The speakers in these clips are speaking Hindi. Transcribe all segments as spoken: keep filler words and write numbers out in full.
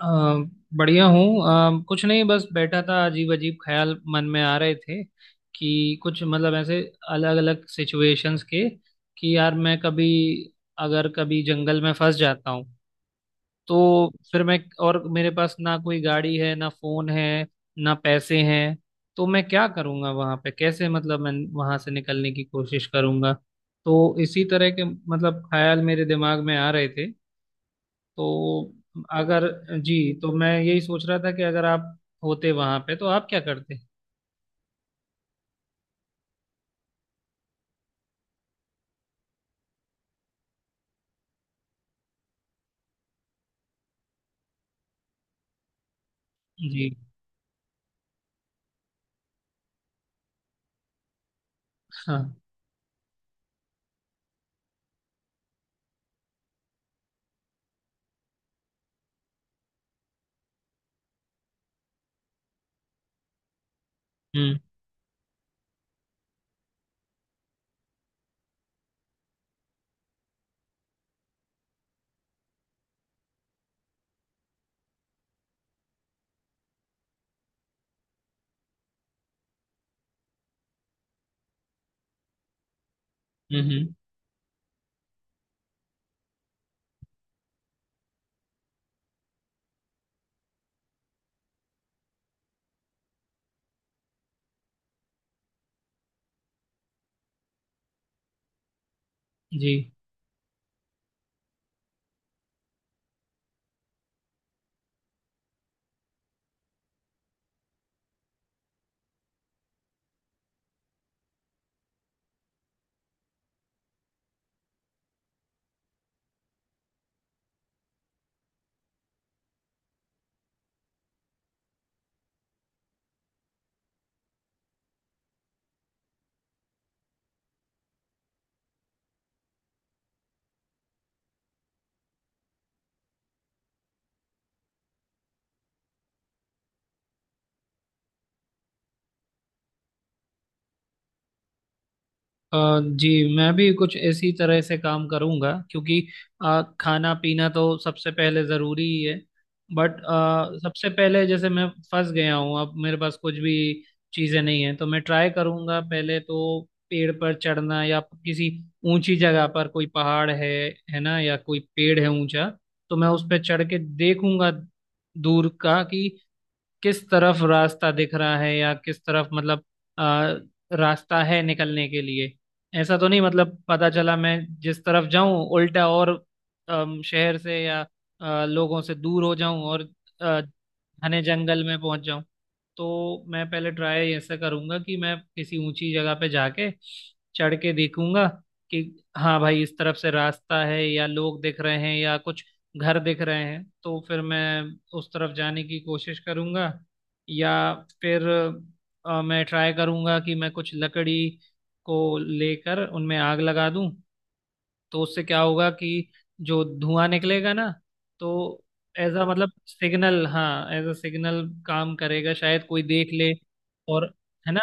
अ, बढ़िया हूँ। अ, कुछ नहीं, बस बैठा था, अजीब अजीब ख्याल मन में आ रहे थे कि कुछ मतलब ऐसे अलग अलग सिचुएशंस के कि यार मैं कभी, अगर कभी जंगल में फंस जाता हूँ तो फिर मैं, और मेरे पास ना कोई गाड़ी है ना फोन है ना पैसे हैं, तो मैं क्या करूँगा वहाँ पे, कैसे मतलब मैं वहाँ से निकलने की कोशिश करूँगा। तो इसी तरह के मतलब ख्याल मेरे दिमाग में आ रहे थे। तो अगर, जी, तो मैं यही सोच रहा था कि अगर आप होते वहां पे तो आप क्या करते। जी। हाँ। हम्म हम्म हम्म, जी। अ, जी, मैं भी कुछ इसी तरह से काम करूंगा, क्योंकि अ, खाना पीना तो सबसे पहले ज़रूरी ही है। बट सबसे पहले, जैसे मैं फंस गया हूँ, अब मेरे पास कुछ भी चीज़ें नहीं है तो मैं ट्राई करूंगा पहले तो पेड़ पर चढ़ना या किसी ऊंची जगह पर। कोई पहाड़ है है ना, या कोई पेड़ है ऊंचा, तो मैं उस पर चढ़ के देखूंगा दूर का कि किस तरफ रास्ता दिख रहा है या किस तरफ मतलब आ, रास्ता है निकलने के लिए। ऐसा तो नहीं मतलब पता चला मैं जिस तरफ जाऊं उल्टा, और अम, शहर से या आ, लोगों से दूर हो जाऊं और आ, घने जंगल में पहुंच जाऊं। तो मैं पहले ट्राई ऐसा करूंगा कि मैं किसी ऊंची जगह पे जाके चढ़ के देखूंगा कि हाँ भाई इस तरफ से रास्ता है या लोग दिख रहे हैं या कुछ घर दिख रहे हैं, तो फिर मैं उस तरफ जाने की कोशिश करूंगा। या फिर अ, मैं ट्राई करूंगा कि मैं कुछ लकड़ी को लेकर उनमें आग लगा दूं। तो उससे क्या होगा कि जो धुआं निकलेगा ना, तो एज अ मतलब सिग्नल, हाँ, एज अ सिग्नल काम करेगा, शायद कोई देख ले। और, है ना।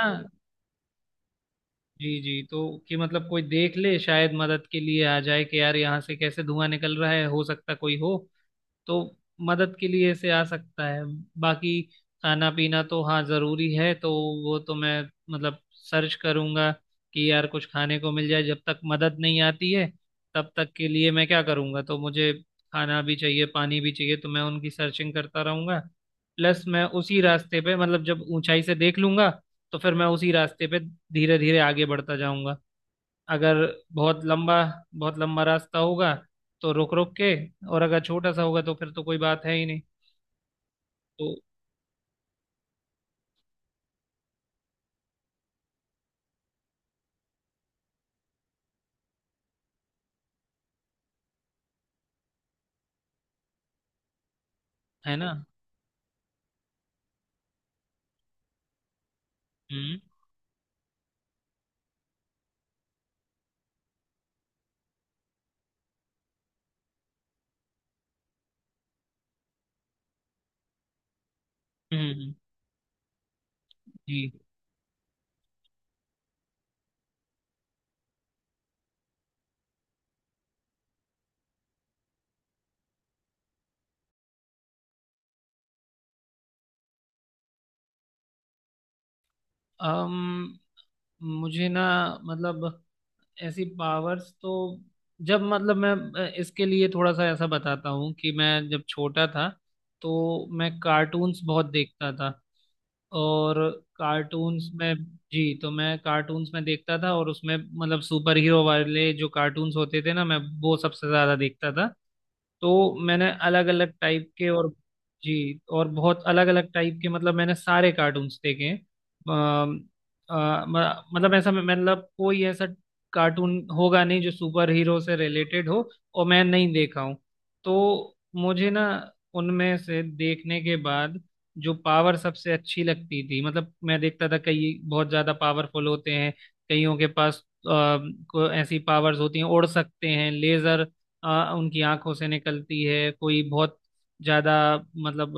जी जी, तो कि मतलब कोई देख ले, शायद मदद के लिए आ जाए कि यार यहाँ से कैसे धुआं निकल रहा है, हो सकता कोई हो, तो मदद के लिए ऐसे आ सकता है। बाकी खाना पीना तो हाँ ज़रूरी है, तो वो तो मैं मतलब सर्च करूंगा कि यार कुछ खाने को मिल जाए। जब तक मदद नहीं आती है तब तक के लिए मैं क्या करूंगा, तो मुझे खाना भी चाहिए पानी भी चाहिए, तो मैं उनकी सर्चिंग करता रहूंगा। प्लस मैं उसी रास्ते पे, मतलब जब ऊंचाई से देख लूंगा तो फिर मैं उसी रास्ते पे धीरे धीरे आगे बढ़ता जाऊंगा। अगर बहुत लंबा, बहुत लंबा रास्ता होगा तो रुक रुक के, और अगर छोटा सा होगा तो फिर तो कोई बात है ही नहीं। तो है ना। हम्म हम्म हम्म, जी। अम मुझे ना मतलब ऐसी पावर्स तो, जब मतलब मैं, अ, इसके लिए थोड़ा सा ऐसा बताता हूँ कि मैं जब छोटा था तो मैं कार्टून्स बहुत देखता था और कार्टून्स में, जी, तो मैं कार्टून्स में देखता था और उसमें मतलब सुपर हीरो वाले जो कार्टून्स होते थे ना, मैं वो सबसे ज्यादा देखता था। तो मैंने अलग अलग टाइप के, और जी, और बहुत अलग अलग टाइप के मतलब मैंने सारे कार्टून्स देखे हैं। अम, अ, म- मतलब ऐसा मतलब कोई ऐसा कार्टून होगा नहीं जो सुपर हीरो से रिलेटेड हो और मैं नहीं देखा हूँ। तो मुझे ना, उनमें से देखने के बाद, जो पावर सबसे अच्छी लगती थी, मतलब मैं देखता था कई बहुत ज्यादा पावरफुल होते हैं। कईयों के पास अ, को ऐसी पावर्स होती हैं, उड़ सकते हैं, लेजर उनकी आंखों से निकलती है, कोई बहुत ज्यादा मतलब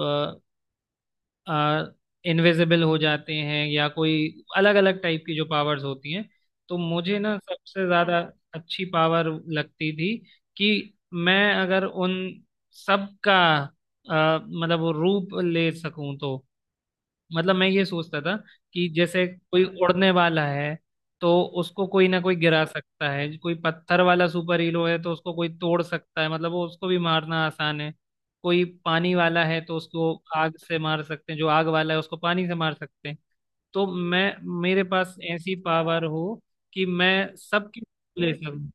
इनविजिबल हो जाते हैं, या कोई अलग अलग टाइप की जो पावर्स होती हैं। तो मुझे ना सबसे ज्यादा अच्छी पावर लगती थी कि मैं अगर उन सब का अ, मतलब वो रूप ले सकूं तो, मतलब मैं ये सोचता था कि जैसे कोई उड़ने वाला है तो उसको कोई ना कोई गिरा सकता है, कोई पत्थर वाला सुपर हीरो है तो उसको कोई तोड़ सकता है, मतलब वो उसको भी मारना आसान है। कोई पानी वाला है तो उसको आग से मार सकते हैं, जो आग वाला है उसको पानी से मार सकते हैं। तो मैं, मेरे पास ऐसी पावर हो कि मैं सबकी ले सकूं।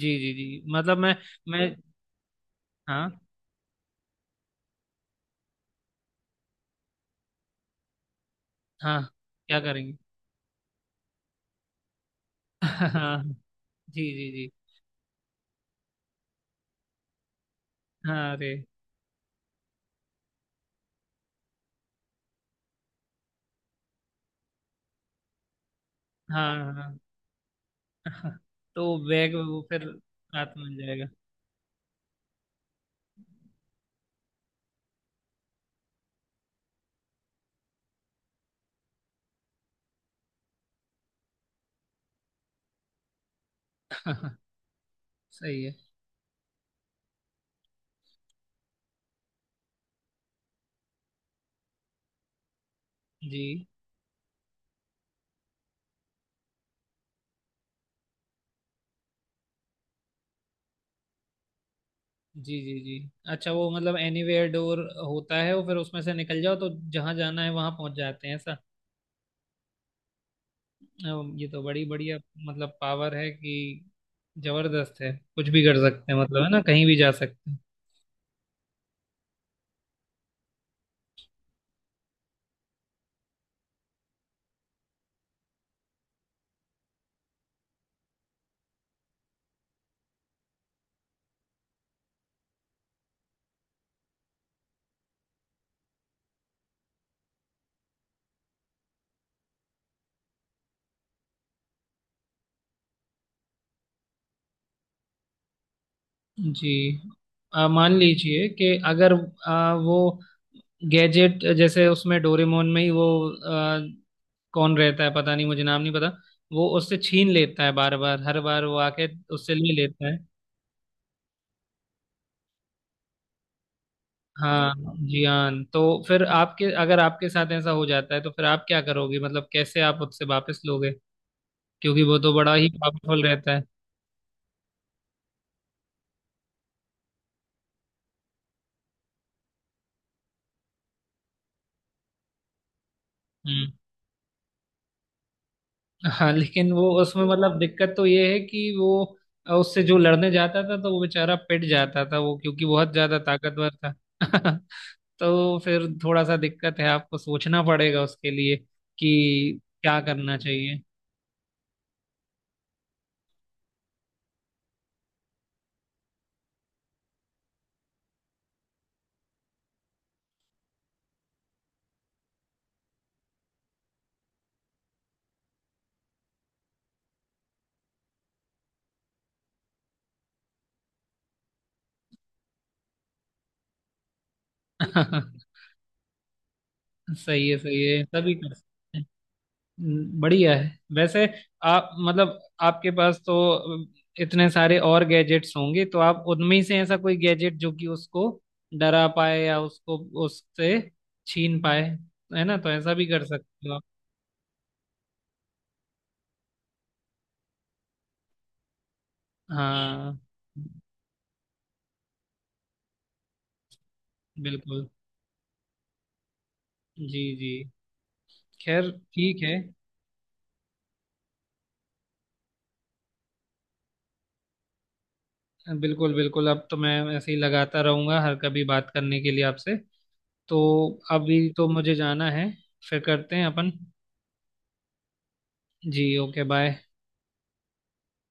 जी जी जी, मतलब मैं, मैं। हाँ हाँ। क्या करेंगे? हाँ। जी जी जी। हाँ अरे। हाँ हाँ हाँ। तो बैग वो फिर हाथ मिल जाएगा। सही है। जी जी जी जी, अच्छा वो मतलब एनीवेयर डोर होता है वो, फिर उसमें से निकल जाओ तो जहाँ जाना है वहां पहुंच जाते हैं ऐसा। अम, ये तो बड़ी बढ़िया मतलब पावर है कि जबरदस्त है, कुछ भी कर सकते हैं मतलब, है ना, कहीं भी जा सकते हैं। जी, अ, मान लीजिए कि अगर अ, वो गैजेट, जैसे उसमें डोरेमोन में ही वो कौन रहता है, पता नहीं मुझे नाम नहीं पता, वो उससे छीन लेता है बार बार, हर बार वो आके उससे ले लेता है। हाँ। जी हाँ, तो फिर आपके, अगर आपके साथ ऐसा हो जाता है तो फिर आप क्या करोगे, मतलब कैसे आप उससे वापस लोगे, क्योंकि वो तो बड़ा ही पावरफुल रहता है। हम्म। हाँ लेकिन वो उसमें मतलब दिक्कत तो ये है कि वो उससे जो लड़ने जाता था तो वो बेचारा पिट जाता था वो, क्योंकि बहुत ज्यादा ताकतवर था। तो फिर थोड़ा सा दिक्कत है, आपको सोचना पड़ेगा उसके लिए कि क्या करना चाहिए। सही है, सही है, सभी कर सकते हैं। हम्म, बढ़िया है। वैसे आप, मतलब आपके पास तो अम, इतने सारे और गैजेट्स होंगे, तो आप उनमें से ऐसा कोई गैजेट जो कि उसको डरा पाए या उसको उससे छीन पाए, है ना, तो ऐसा भी कर सकते हो आप। हाँ बिल्कुल, जी जी, खैर ठीक है। बिल्कुल बिल्कुल, अब तो मैं ऐसे ही लगाता रहूंगा हर कभी बात करने के लिए आपसे। तो अभी तो मुझे जाना है, फिर करते हैं अपन। जी, ओके, बाय।